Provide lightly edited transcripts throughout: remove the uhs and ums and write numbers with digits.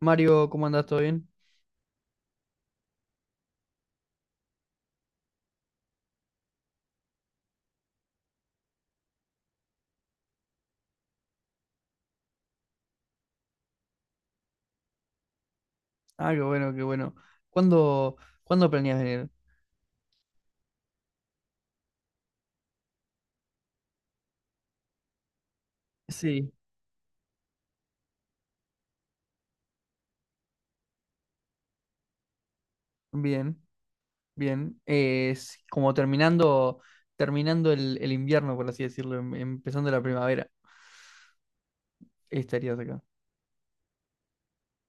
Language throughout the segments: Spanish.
Mario, ¿cómo andás? ¿Todo bien? Ah, qué bueno, qué bueno. ¿Cuándo, cuándo planeas venir? Sí. Bien, bien. Es como terminando el invierno, por así decirlo, empezando la primavera, estarías acá.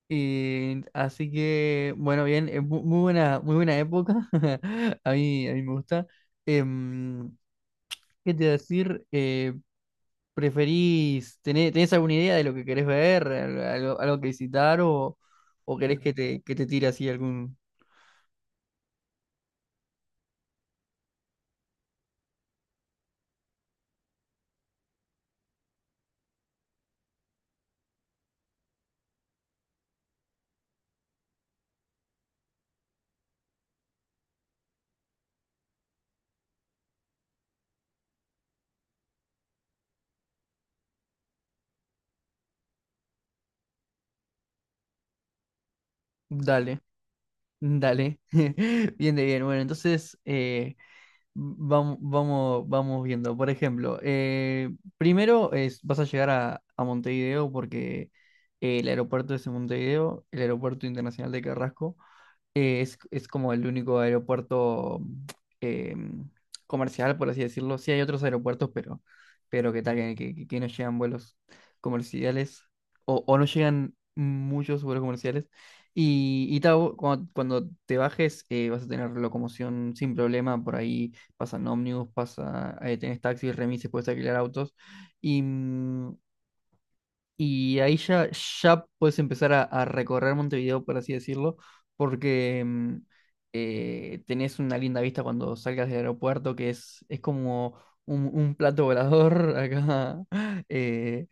Y así que, bueno, bien, es muy buena, muy buena época. A mí me gusta. Em, ¿qué te iba a decir? ¿Preferís, tenés alguna idea de lo que querés ver, algo que visitar o querés que te tire así algún. Dale, dale. Bien de bien. Bueno, entonces vamos viendo. Por ejemplo, primero es, vas a llegar a Montevideo porque el aeropuerto es en Montevideo, el Aeropuerto Internacional de Carrasco. Es como el único aeropuerto eh, comercial, por así decirlo. Sí hay otros aeropuertos, pero que tal, que no llegan vuelos comerciales o no llegan muchos vuelos comerciales. Y tal, cuando te bajes vas a tener locomoción sin problema, por ahí pasan ómnibus, tenés taxis, remises, puedes alquilar autos. Y, mm, y ahí ya puedes empezar a recorrer Montevideo, por así decirlo, porque tenés una linda vista cuando salgas del aeropuerto, que es como un plato volador acá, eh,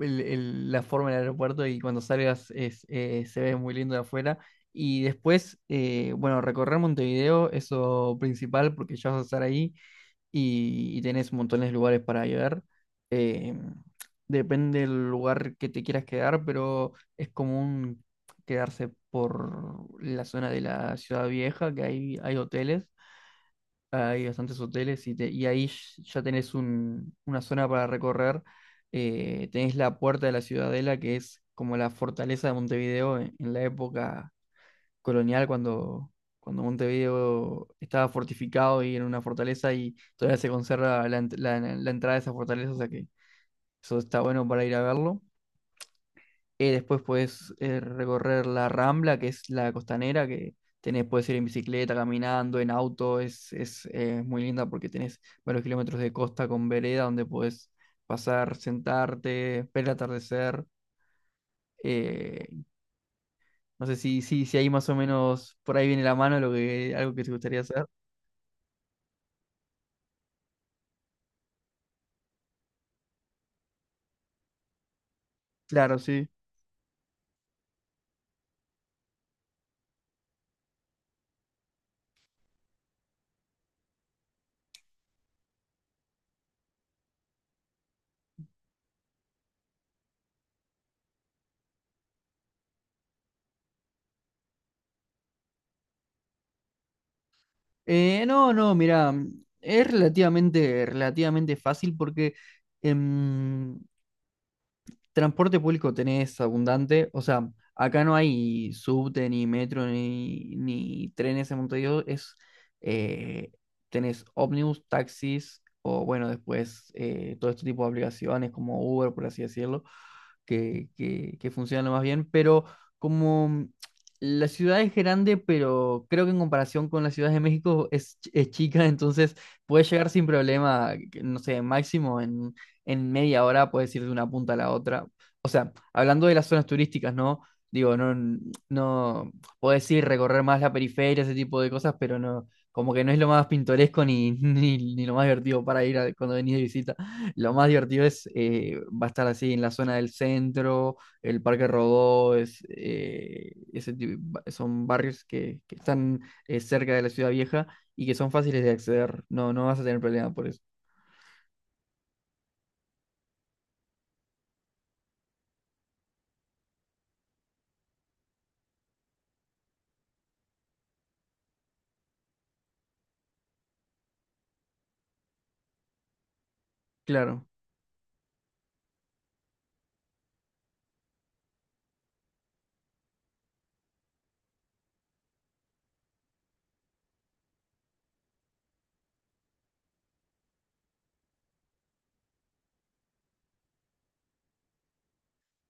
la forma del aeropuerto y cuando salgas se ve muy lindo de afuera. Y después, bueno, recorrer Montevideo, eso principal, porque ya vas a estar ahí y tenés montones de lugares para llegar. Eh, depende del lugar que te quieras quedar, pero es común quedarse por la zona de la ciudad vieja, que hay hoteles, hay bastantes hoteles y ahí ya tenés una zona para recorrer. Tenés la Puerta de la Ciudadela, que es como la fortaleza de Montevideo en la época colonial cuando, cuando Montevideo estaba fortificado y era una fortaleza y todavía se conserva la entrada de esa fortaleza, o sea que eso está bueno para ir a verlo. Después puedes recorrer la Rambla, que es la costanera, puedes ir en bicicleta, caminando, en auto, es muy linda porque tenés varios kilómetros de costa con vereda donde puedes pasar, sentarte, ver el atardecer. eh, no sé si ahí más o menos por ahí viene la mano lo que, algo que te gustaría hacer. Claro, sí. No, no, mira, es relativamente fácil porque em, Transporte público tenés abundante, o sea, acá no hay subte, ni metro, ni trenes en Montevideo, eh, tenés ómnibus, taxis, o bueno, después todo este tipo de aplicaciones como Uber, por así decirlo, que funcionan lo más bien, pero como la ciudad es grande, pero creo que en comparación con la Ciudad de México es chica, entonces puedes llegar sin problema, no sé, máximo en media hora puedes ir de una punta a la otra. O sea, hablando de las zonas turísticas, ¿no? Digo, no, no, puedes ir recorrer más la periferia, ese tipo de cosas, pero no, como que no es lo más pintoresco ni, ni lo más divertido para ir cuando venís de visita. Lo más divertido va a estar así en la zona del centro, el Parque Rodó, es, ese tipo- ba- son barrios que están cerca de la ciudad vieja y que son fáciles de acceder. No, no vas a tener problema por eso. Claro.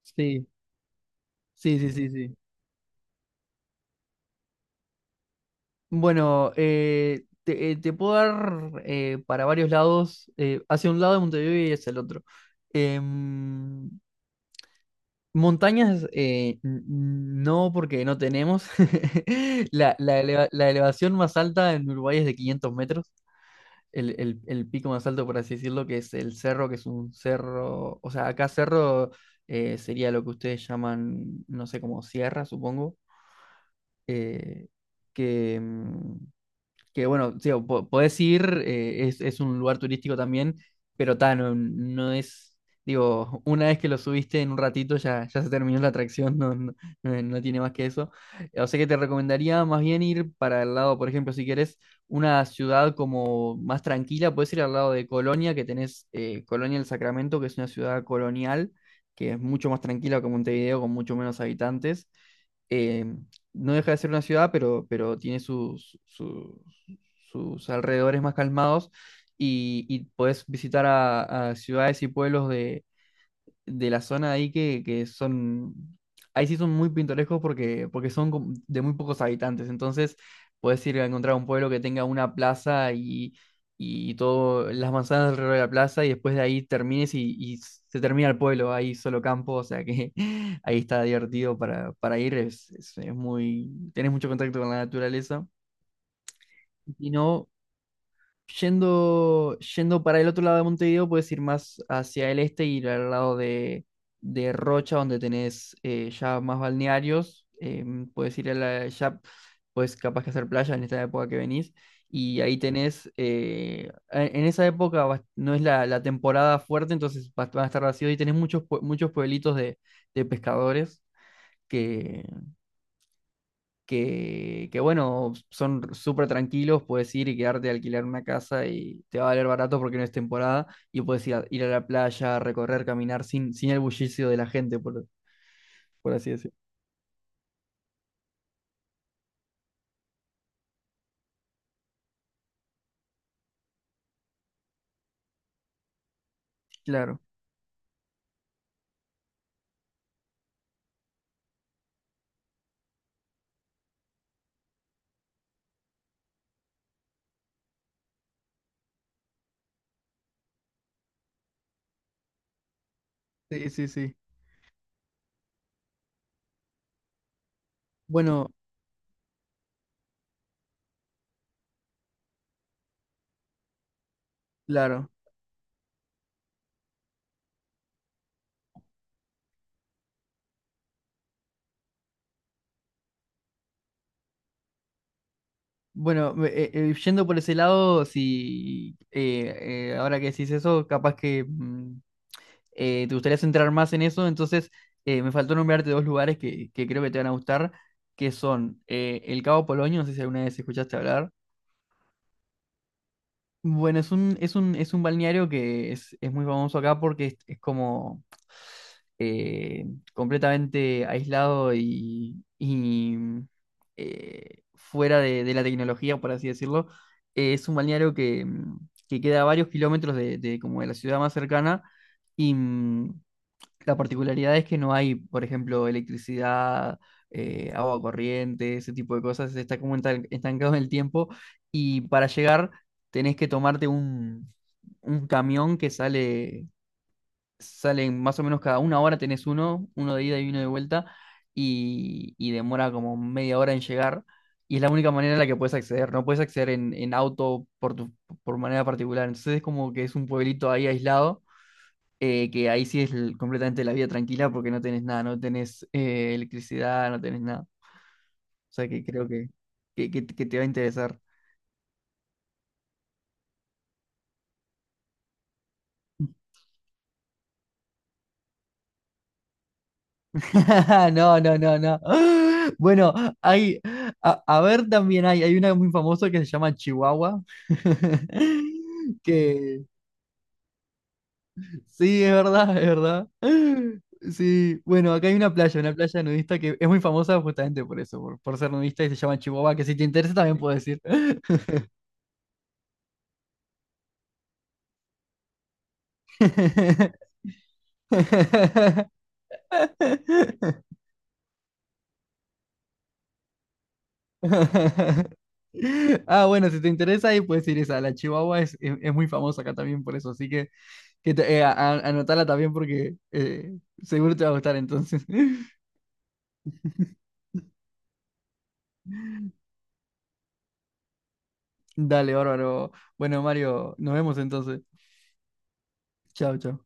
Sí. Sí, sí, sí, sí. Bueno, te puedo dar para varios lados, hacia un lado de Montevideo y hacia el otro. Em, montañas, no porque no tenemos. La elevación más alta en Uruguay es de 500 metros, el pico más alto, por así decirlo, que es el cerro, que es un cerro, o sea, acá cerro sería lo que ustedes llaman, no sé, como sierra, supongo. eh, que, em, que bueno, sí, o podés ir, es un lugar turístico también, pero ta, no, no es, digo, una vez que lo subiste en un ratito ya, ya se terminó la atracción, no, no, no tiene más que eso. O sea que te recomendaría más bien ir para el lado, por ejemplo, si querés una ciudad como más tranquila, puedes ir al lado de Colonia, que tenés Colonia del Sacramento, que es una ciudad colonial, que es mucho más tranquila que Montevideo, con mucho menos habitantes eh, no deja de ser una ciudad, pero tiene sus alrededores más calmados y podés visitar a ciudades y pueblos de la zona ahí que son, ahí sí son muy pintorescos porque son como de muy pocos habitantes, entonces podés ir a encontrar un pueblo que tenga una plaza y todo, las manzanas alrededor de la plaza y después de ahí termines y se termina el pueblo, ahí solo campo, o sea que ahí está divertido para ir, es muy, tenés mucho contacto con la naturaleza. Y no. Yendo para el otro lado de Montevideo, puedes ir más hacia el este y ir al lado de Rocha, donde tenés ya más balnearios. Puedes ir ya, pues capaz que hacer playa en esta época que venís. Y ahí tenés, en esa época no es la temporada fuerte, entonces van a estar vacíos y tenés muchos pueblitos de pescadores bueno, son súper tranquilos, puedes ir y quedarte a alquilar una casa y te va a valer barato porque no es temporada y puedes ir a la playa, recorrer, caminar sin el bullicio de la gente, por así decirlo. Claro, sí, sí, sí. Bueno, claro. Bueno, yendo por ese lado, si ahora que decís eso, capaz que te gustaría centrar más en eso, entonces me faltó nombrarte dos lugares que creo que te van a gustar, que son el Cabo Polonio, no sé si alguna vez escuchaste hablar. Bueno, es un balneario que es muy famoso acá porque es como eh, completamente aislado y fuera de la tecnología, por así decirlo. Es un balneario que queda a varios kilómetros de como de la ciudad más cercana y la particularidad es que no hay, por ejemplo, electricidad, agua corriente, ese tipo de cosas. Está como estancado en el tiempo y para llegar tenés que tomarte un camión que sale más o menos cada una hora tenés uno de ida y uno de vuelta y demora como media hora en llegar. Y es la única manera en la que puedes acceder. No puedes acceder en auto por manera particular. Entonces es como que es un pueblito ahí aislado que ahí sí es completamente la vida tranquila porque no tenés nada, no tenés electricidad, no tenés nada. O sea que creo que te va a interesar. No, no, no, no. Bueno, hay, a ver también hay una muy famosa que se llama Chihuahua. Que sí, es verdad, es verdad. Sí, bueno, acá hay una playa nudista que es muy famosa justamente por eso, por ser nudista y se llama Chihuahua, que si te interesa también puedes ir. Ah, bueno, si te interesa ahí puedes ir esa. La Chihuahua es muy famosa acá también por eso, así que anotala también porque seguro te va a gustar entonces. Dale, bárbaro. Bueno, Mario, nos vemos entonces. Chao, chao.